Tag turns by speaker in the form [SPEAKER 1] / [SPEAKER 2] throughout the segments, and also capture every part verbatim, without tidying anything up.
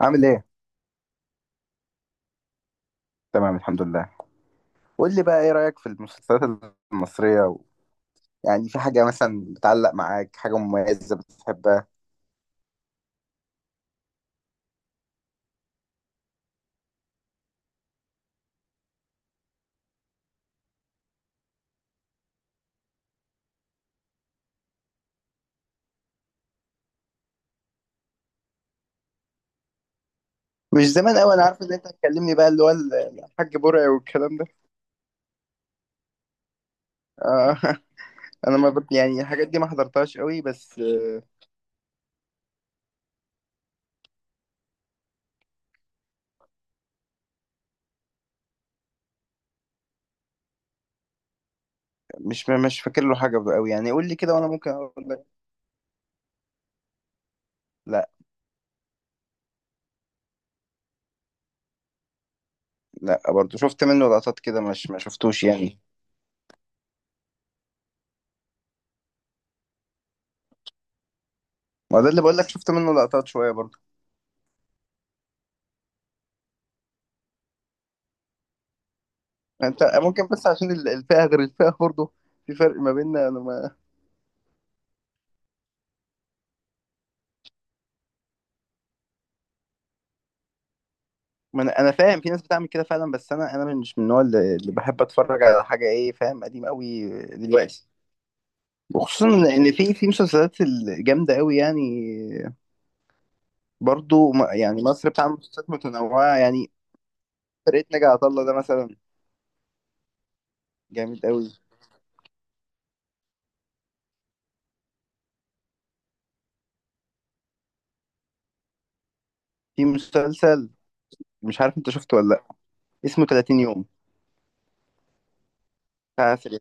[SPEAKER 1] عامل ايه؟ تمام الحمد لله. قول لي بقى ايه رأيك في المسلسلات المصرية و... يعني في حاجة مثلا بتعلق معاك، حاجة مميزة بتحبها؟ مش زمان قوي، انا عارف ان انت هتكلمني بقى اللي هو ال- الحاج برعي والكلام ده. آه انا ما بت... يعني الحاجات دي ما حضرتهاش قوي، بس آه، مش مش فاكر له حاجة قوي يعني. قول لي كده وانا ممكن اقول لك. لا، لا برضه، شفت منه لقطات كده، مش ما شفتوش يعني. ما ده اللي بقول لك، شفت منه لقطات شوية برضه. انت ممكن بس عشان ال- الفئة غير الفئة برضه، في فرق ما بيننا انا. ما انا انا فاهم، في ناس بتعمل كده فعلا، بس انا انا مش من النوع اللي اللي بحب اتفرج على حاجه، ايه فاهم، قديم قوي دلوقتي. وخصوصا ان في في مسلسلات الجامده قوي يعني، برضو م- يعني مصر بتعمل مسلسلات متنوعه يعني. فرقه ناجي عطا الله ده مثلا جامد قوي. في مسلسل مش عارف انت شفته ولا لا، اسمه تلاتين يوم، بتاع سريع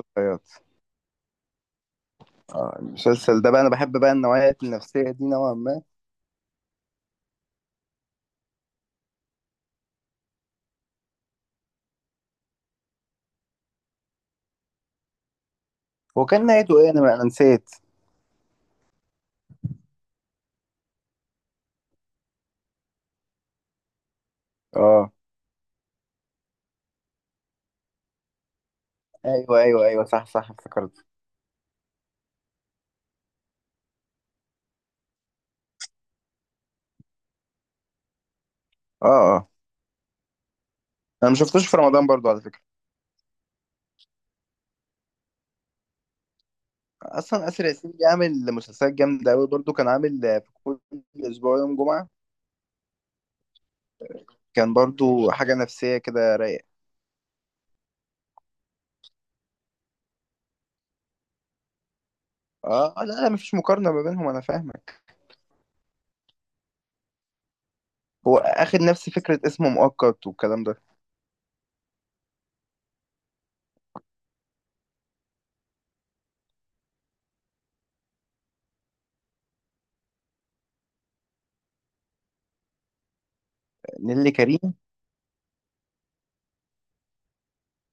[SPEAKER 1] الطيارات. اه المسلسل ده بقى انا بحب بقى النوعيات النفسيه دي نوعا ما. هو كان نهايته ايه؟ انا انا نسيت. اه. ايوه ايوه ايوه، صح صح، افتكرت. اه اه. انا ما شفتوش في رمضان برضو على فكره. اصلا اسر ياسين بيعمل مسلسلات جامده قوي. برضو كان عامل آه، في كل اسبوع يوم جمعه. كان برضو حاجه نفسيه كده رايقه. اه لا لا، مفيش مقارنه ما بينهم، انا فاهمك. هو اخد نفس فكره، اسمه مؤقت والكلام ده. نيللي كريم.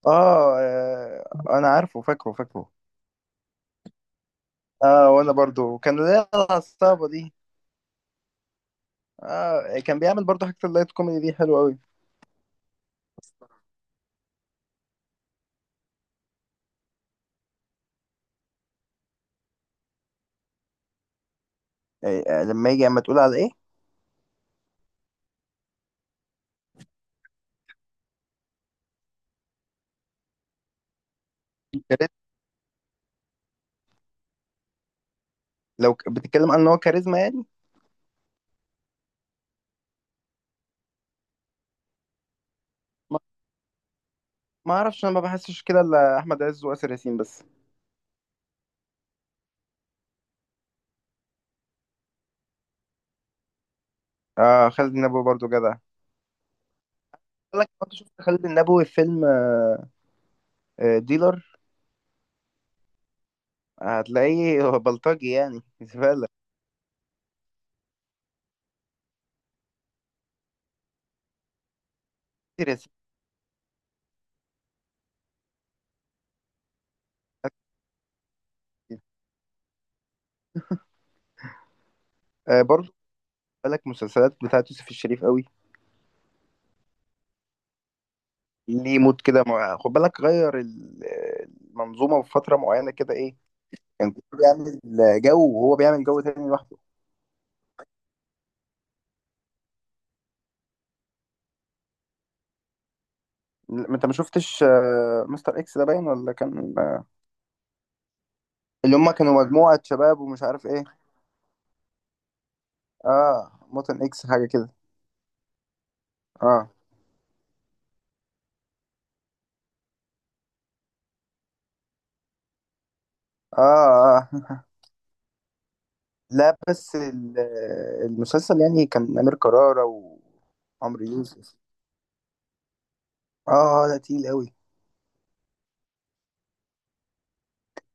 [SPEAKER 1] اه، آه، انا عارفه، فاكره فاكره. اه وانا برضو كان ليا، العصابه دي. اه كان بيعمل برضو حاجه اللايت كوميدي دي حلوه قوي. آه لما يجي، اما تقول على ايه. كاريزما. لو ك- بتتكلم عن ان هو كاريزما يعني. ما اعرفش، انا ما بحسش كده الا احمد عز واسر ياسين بس. آه خالد النبوي برضو جدع. قال لك كنت شفت خالد النبوي في فيلم آه، ديلر؟ هتلاقيه هو بلطجي يعني، زبالة. آسر ياسين. آه برضو. خد بالك مسلسلات بتاعت يوسف الشريف قوي، ليه مود كده مع- خد بالك غير ال- آه، المنظومة في فترة معينة كده، ايه. كان كله بيعمل جو وهو بيعمل جو تاني لوحده. لا، انت ما شفتش آه، مستر اكس ده، باين ولا كان آه، اللي هم كانوا مجموعة شباب ومش عارف ايه. اه موتن اكس، حاجة كده. اه اه. آه. لا بس ال- المسلسل يعني، كان أمير كرارة وعمرو يوسف. اه لا، تقيل قوي.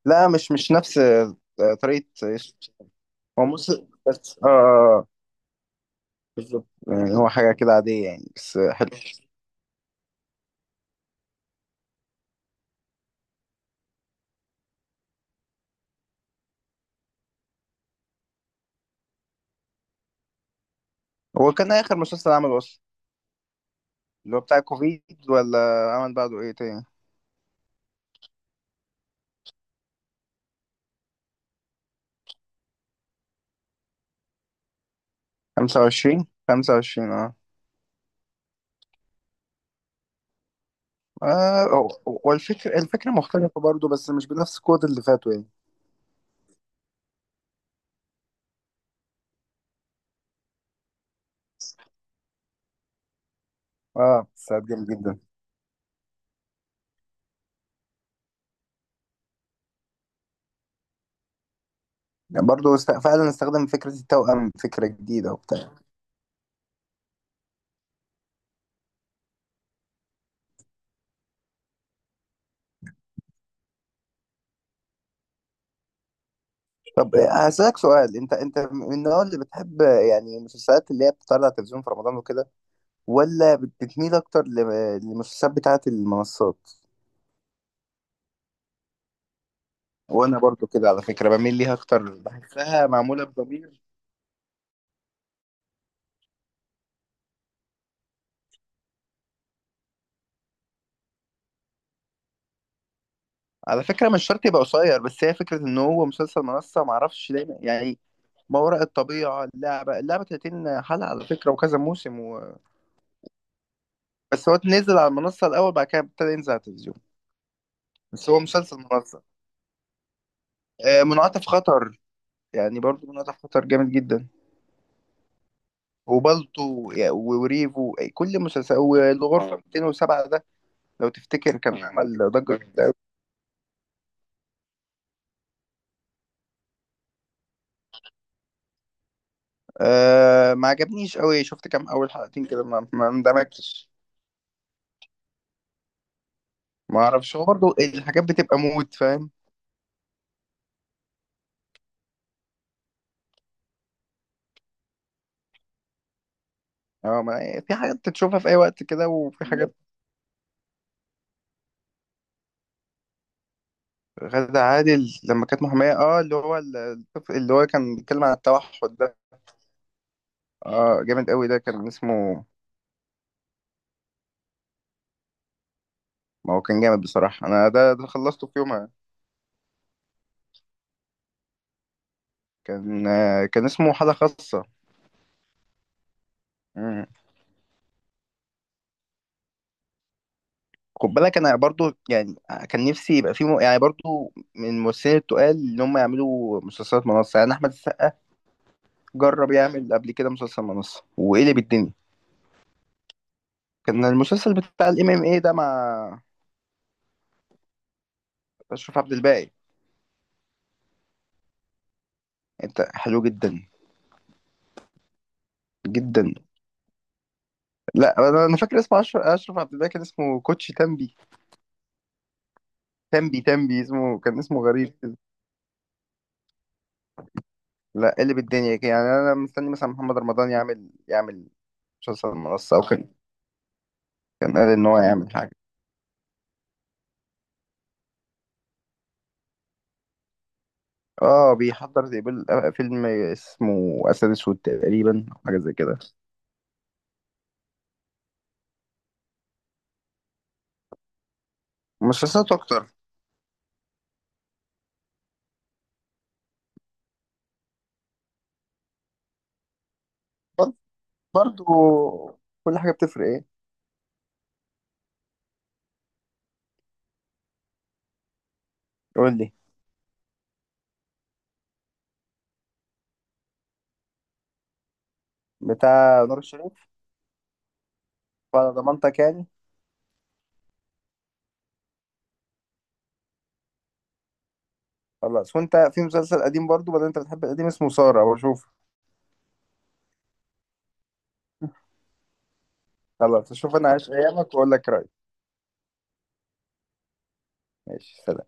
[SPEAKER 1] لا مش مش نفس آه، طريقة إيش. هو مسلسل بس اه آه، آه، بالظبط، يعني هو حاجة كده عادية يعني، بس حلو. هو كان آخر مسلسل عمله أصلا، اللي هو بتاع كوفيد، ولا عمل بعده إيه تاني؟ خمسة وعشرين خمسة وعشرين اه اه. هو هو الفكرة الفكرة مختلفة برضه، بس مش بنفس القوة اللي فاتوا يعني. اه بس جامد جدا. برضه است- فعلا استخدم فكرة التوأم، فكرة جديدة وبتاع. طب هسألك سؤال، انت انت من النوع اللي بتحب يعني المسلسلات اللي هي بتطلع على التلفزيون في رمضان وكده، ولا بتميل اكتر ل- للمسلسلات بتاعة المنصات؟ وانا برضه كده على فكرة بميل ليها اكتر، بحسها معمولة بضمير. على فكرة مش شرط يبقى قصير، بس هي فكرة ان هو مسلسل منصة، معرفش دايما يعني. ما وراء الطبيعة، اللعبة، اللعبة تلاتين حلقة على فكرة، وكذا موسم و... بس هو نزل على المنصة الأول، بعد كده ابتدى ينزل على التلفزيون، بس هو مسلسل منصة. آه، منعطف خطر، يعني برضو منعطف خطر جامد جدا. وبالتو يا- وريفو أي- كل مسلسل، والغرفة مئتين وسبعة ده، لو تفتكر كان عمل ضجة جامدة أوي. أه ما عجبنيش قوي، شفت كام أول حلقتين كده، ما ما اندمجتش. ما اعرفش، هو برضو الحاجات بتبقى مود فاهم. اه، ما في حاجات تشوفها في اي وقت كده، وفي حاجات. غادة عادل لما كانت محامية، اه اللي هو ال- الطفل اللي هو كان بيتكلم عن التوحد ده. اه جامد قوي، ده كان اسمه. ما هو كان جامد بصراحة، انا ده ده خلصته في يوم. كان كان اسمه حالة خاصة. مم. خد بالك انا برضو يعني، كان نفسي يبقى في م... يعني برضو من الممثلين التقال ان هم يعملوا مسلسلات منصة، يعني احمد السقا جرب يعمل قبل كده مسلسل منصة، وقلب الدنيا. كان المسلسل بتاع الام ام اي ده، مع اشرف عبد الباقي. انت حلو جدا جدا. لا انا، أنا فاكر اسمه أشرف... اشرف عبد الباقي، كان اسمه كوتش تنبي. تنبي تنبي اسمه، كان اسمه غريب كده. لا قلب الدنيا. يعني انا مستني مثلا محمد رمضان يعمل، يعمل مسلسل منصة، او كان كان قال ان هو يعمل حاجه. اه بيحضر زي بال- فيلم اسمه اسد اسود تقريبا أو حاجه زي كده. مسلسلات اكتر. بر- برضو كل حاجه بتفرق ايه. قول لي. بتاع نور الشريف. على ضمانتك يعني. خلاص. وانت في مسلسل قديم برضو، بدل انت بتحب القديم، اسمه ساره، بشوف. خلاص اشوف انا عايش ايامك واقول لك رايي. ماشي، سلام.